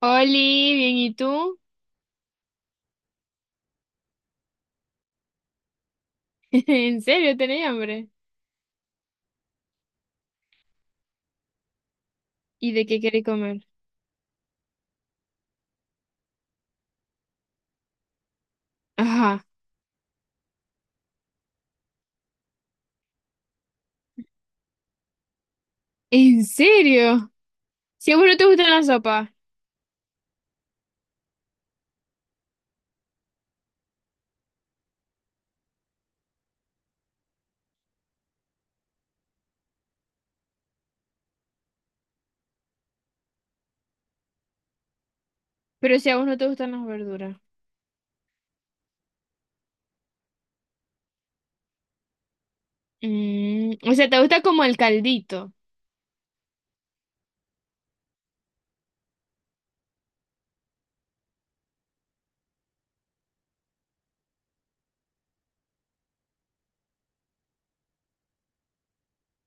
Oli, bien, ¿y tú? ¿En serio tenés hambre? ¿Y de qué querés comer? Ajá, ¿en serio? Si a vos no te gustan las sopas, pero si a vos no te gustan las verduras. O sea, te gusta como el caldito.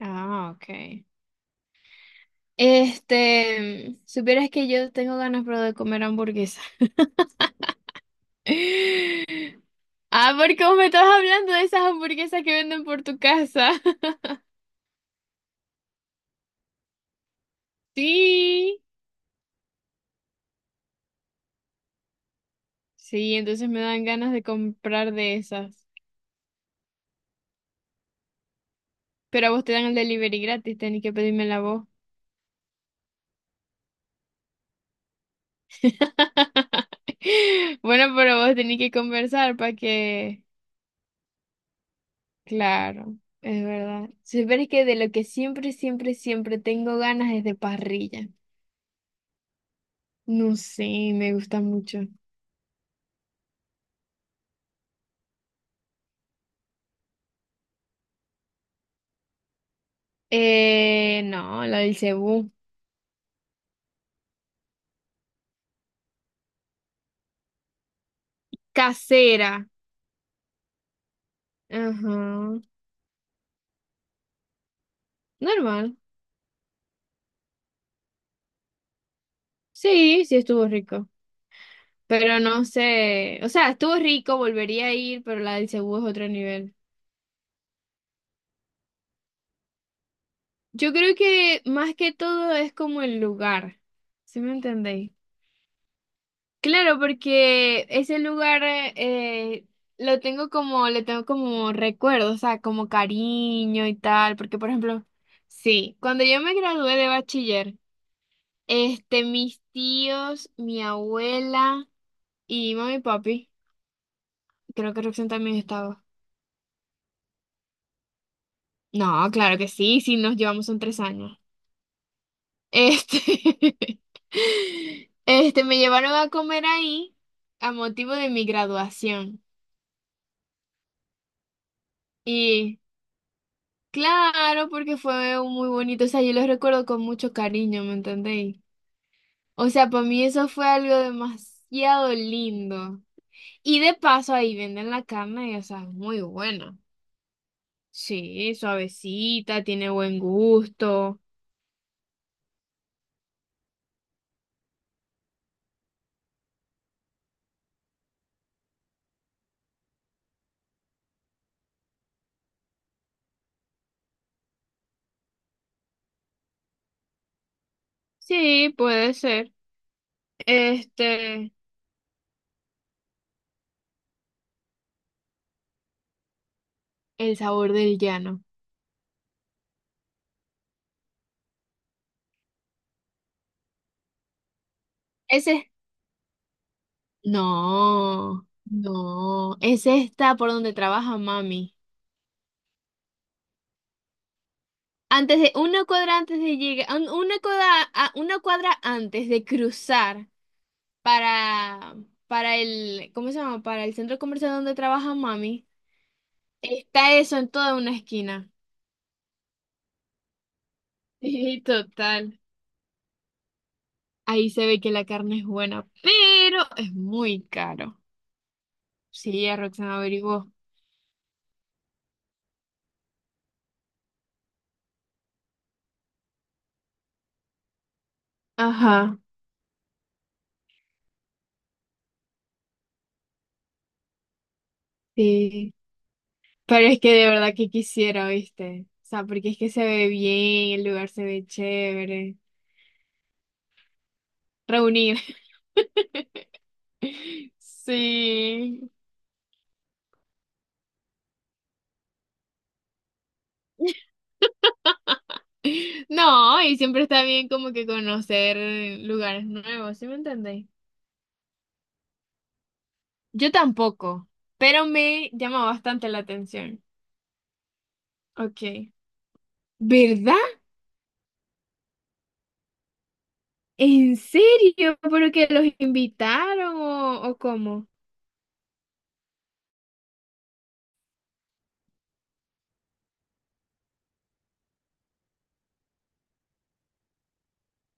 Ah, ok. Supieras que yo tengo ganas, pero de comer hamburguesa. Ah, porque vos me estás hablando de esas hamburguesas que venden por tu casa. Sí. Sí, entonces me dan ganas de comprar de esas. Pero a vos te dan el delivery gratis, tenés que pedírmela a vos. Bueno, pero vos tenés que conversar para que... Claro, es verdad. Si es que de lo que siempre, siempre, siempre tengo ganas es de parrilla. No sé, me gusta mucho. No, la del Cebú. Casera. Ajá. Normal. Sí, sí estuvo rico. Pero no sé, o sea, estuvo rico, volvería a ir, pero la del Cebú es otro nivel. Yo creo que más que todo es como el lugar, ¿sí me entendéis? Claro, porque ese lugar lo tengo como, le tengo como recuerdo, o sea, como cariño y tal, porque por ejemplo, sí, cuando yo me gradué de bachiller, mis tíos, mi abuela y mami y papi, creo que Roxanne también estaba. No, claro que sí, sí, nos llevamos son 3 años. Este, me llevaron a comer ahí a motivo de mi graduación. Y claro, porque fue un muy bonito, o sea, yo los recuerdo con mucho cariño, ¿me entendéis? O sea, para mí eso fue algo demasiado lindo. Y de paso ahí venden la carne, y, o sea, es muy buena. Sí, suavecita, tiene buen gusto. Sí, puede ser. Este, el sabor del llano. Ese No, no, es esta por donde trabaja mami. Antes de, una cuadra antes de llegar, una cuadra, una cuadra antes de cruzar para, para el, ¿cómo se llama? Para el centro comercial donde trabaja mami, está eso en toda una esquina. Sí, total. Ahí se ve que la carne es buena, pero es muy caro. Sí, ya Roxana averiguó. Ajá, sí. Pero es que de verdad que quisiera, ¿viste? O sea, porque es que se ve bien, el lugar se ve chévere. Reunir. Sí. No, y siempre está bien como que conocer lugares nuevos, ¿sí me entendéis? Yo tampoco, pero me llama bastante la atención. Ok. ¿Verdad? ¿En serio? ¿Pero que los invitaron o cómo?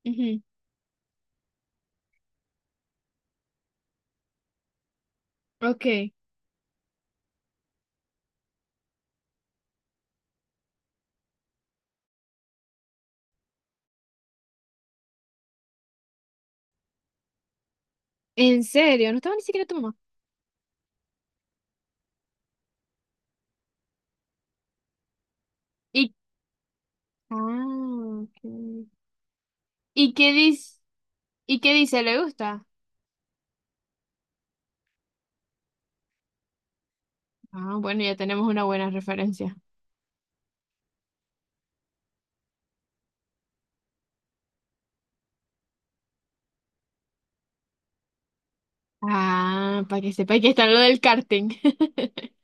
Ujú. Ok. ¿En serio? No estaba ni siquiera tu mamá. y Ah, ok. ¿Y qué dice? ¿Y qué dice? ¿Le gusta? Ah, bueno, ya tenemos una buena referencia. Ah, para que sepa que está lo del karting.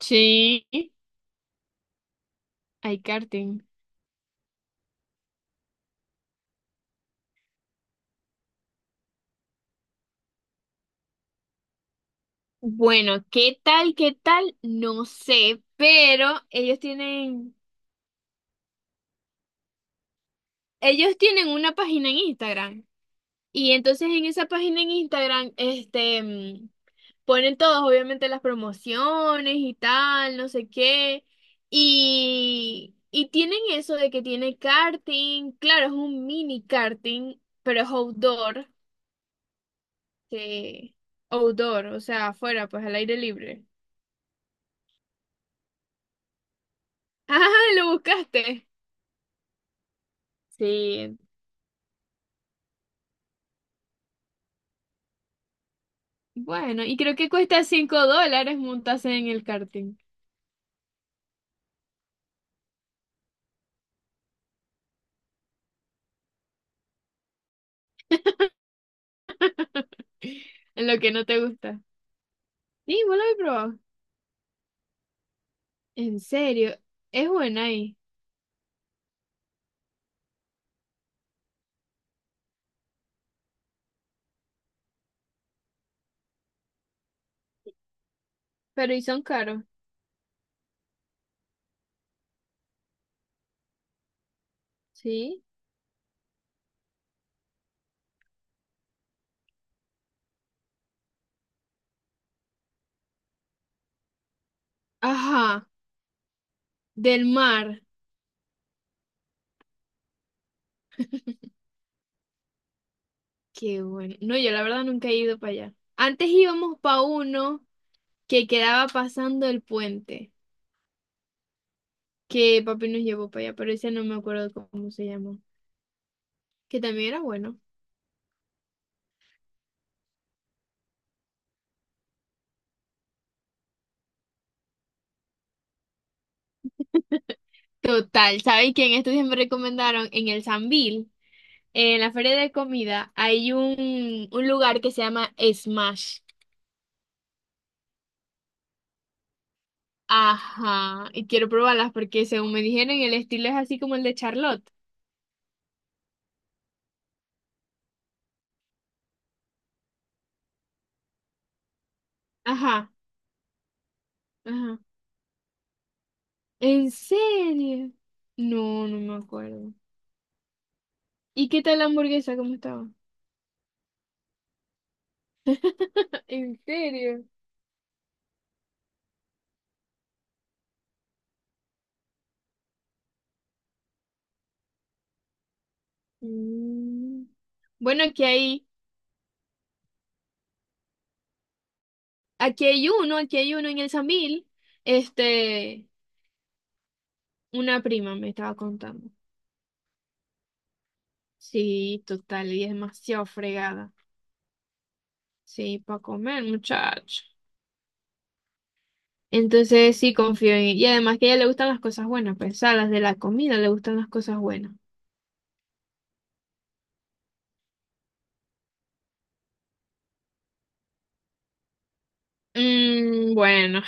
Sí, hay karting. Bueno, ¿qué tal? ¿Qué tal? No sé, pero ellos tienen una página en Instagram. Y entonces en esa página en Instagram, ponen todos, obviamente, las promociones y tal, no sé qué. Y tienen eso de que tiene karting, claro, es un mini karting, pero es outdoor, que- outdoor, o sea, afuera, pues al aire libre. Ah, lo buscaste. Sí, bueno, y creo que cuesta $5 montarse en el karting, en lo que no te gusta. Sí, vos lo habéis probado. En serio, es buena ahí, pero y son caros. ¿Sí? Ajá, del mar. Qué bueno. No, yo la verdad nunca he ido para allá. Antes íbamos para uno que quedaba pasando el puente, que papi nos llevó para allá, pero ese no me acuerdo cómo se llamó, que también era bueno. Total, ¿sabes quién? Estos días me recomendaron en el Sambil, en la feria de comida, hay un lugar que se llama Smash. Ajá, y quiero probarlas porque según me dijeron, el estilo es así como el de Charlotte. Ajá, ajá. ¿En serio? No, no me acuerdo. ¿Y qué tal la hamburguesa? ¿Cómo estaba? ¿En serio? Mm. Bueno, aquí hay uno en el Sambil. Este, una prima me estaba contando. Sí, total, y es demasiado fregada. Sí, para comer, muchacho. Entonces sí confío en ella. Y además que a ella le gustan las cosas buenas, pues, o sea, las de la comida le gustan las cosas buenas. Mm, bueno.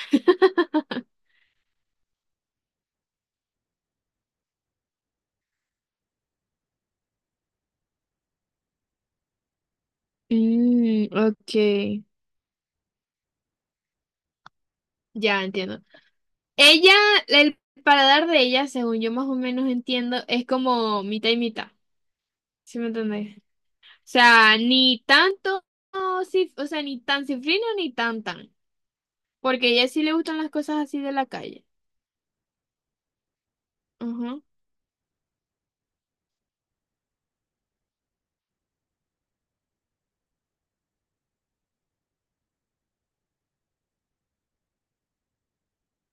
Mm, ok. Ya entiendo. Ella, el paladar de ella, según yo más o menos entiendo, es como mitad y mitad. ¿Sí me entendés? O sea, ni tanto, o sea, ni tan cifrino ni tan tan. Porque a ella sí le gustan las cosas así de la calle. Ajá.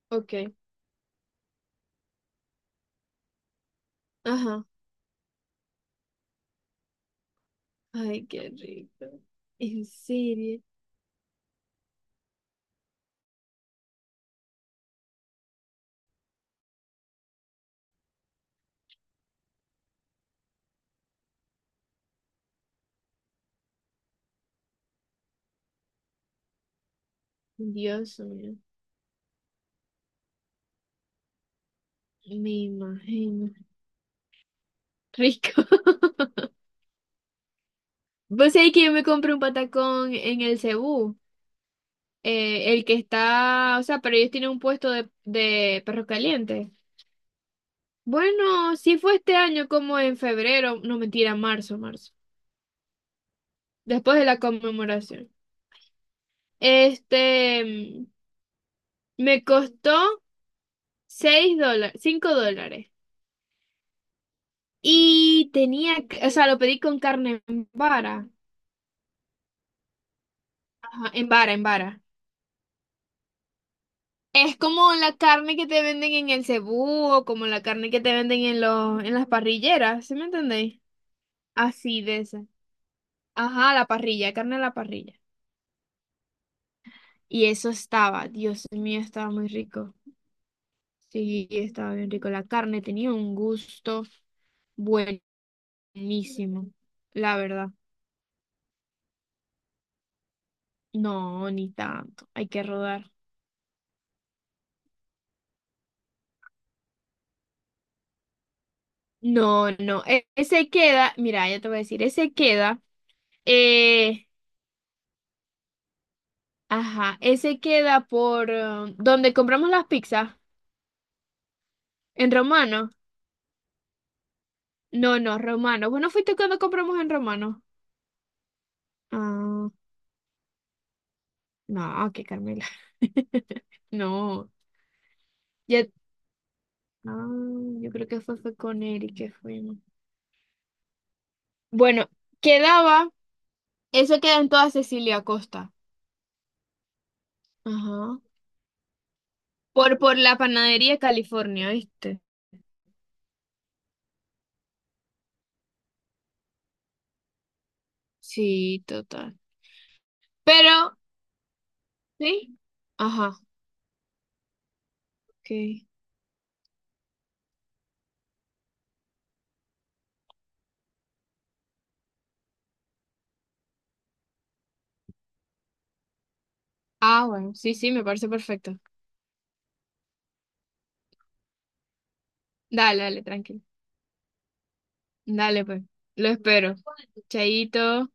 Ok. Ajá. Ay, qué rico. En serio. Dios mío. Me imagino. Rico. Vos sabés que yo me compré un patacón en el Cebú. El que está, o sea, pero ellos tienen un puesto de perros calientes. Bueno, sí fue este año como en febrero, no mentira, marzo, marzo, después de la conmemoración. Este, mm, me costó $6, $5. Y tenía, o sea, lo pedí con carne en vara. Ajá, en vara, en vara. Es como la carne que te venden en el Cebú o como la carne que te venden en los, en las parrilleras, ¿sí me entendéis? Así de esa. Ajá, la parrilla, carne a la parrilla. Y eso estaba, Dios mío, estaba muy rico. Sí, estaba bien rico. La carne tenía un gusto buenísimo, la verdad. No, ni tanto, hay que rodar. No, no, ese queda, mira, ya te voy a decir, ese queda. Eh. Ajá, ese queda por donde compramos las pizzas, en Romano. No, no, Romano. Bueno, fuiste cuando compramos en Romano. Ah, no, que Carmela. No, ya. Ah, yo creo que fue con Eric que fuimos. Bueno, quedaba, eso queda en toda Cecilia Costa. Ajá. Por la panadería California, ¿viste? Sí, total. Pero, ¿sí? Ajá, ok. Ah, bueno, sí, sí, me parece perfecto. Dale, dale, tranquilo. Dale, pues. Lo espero. Chaito.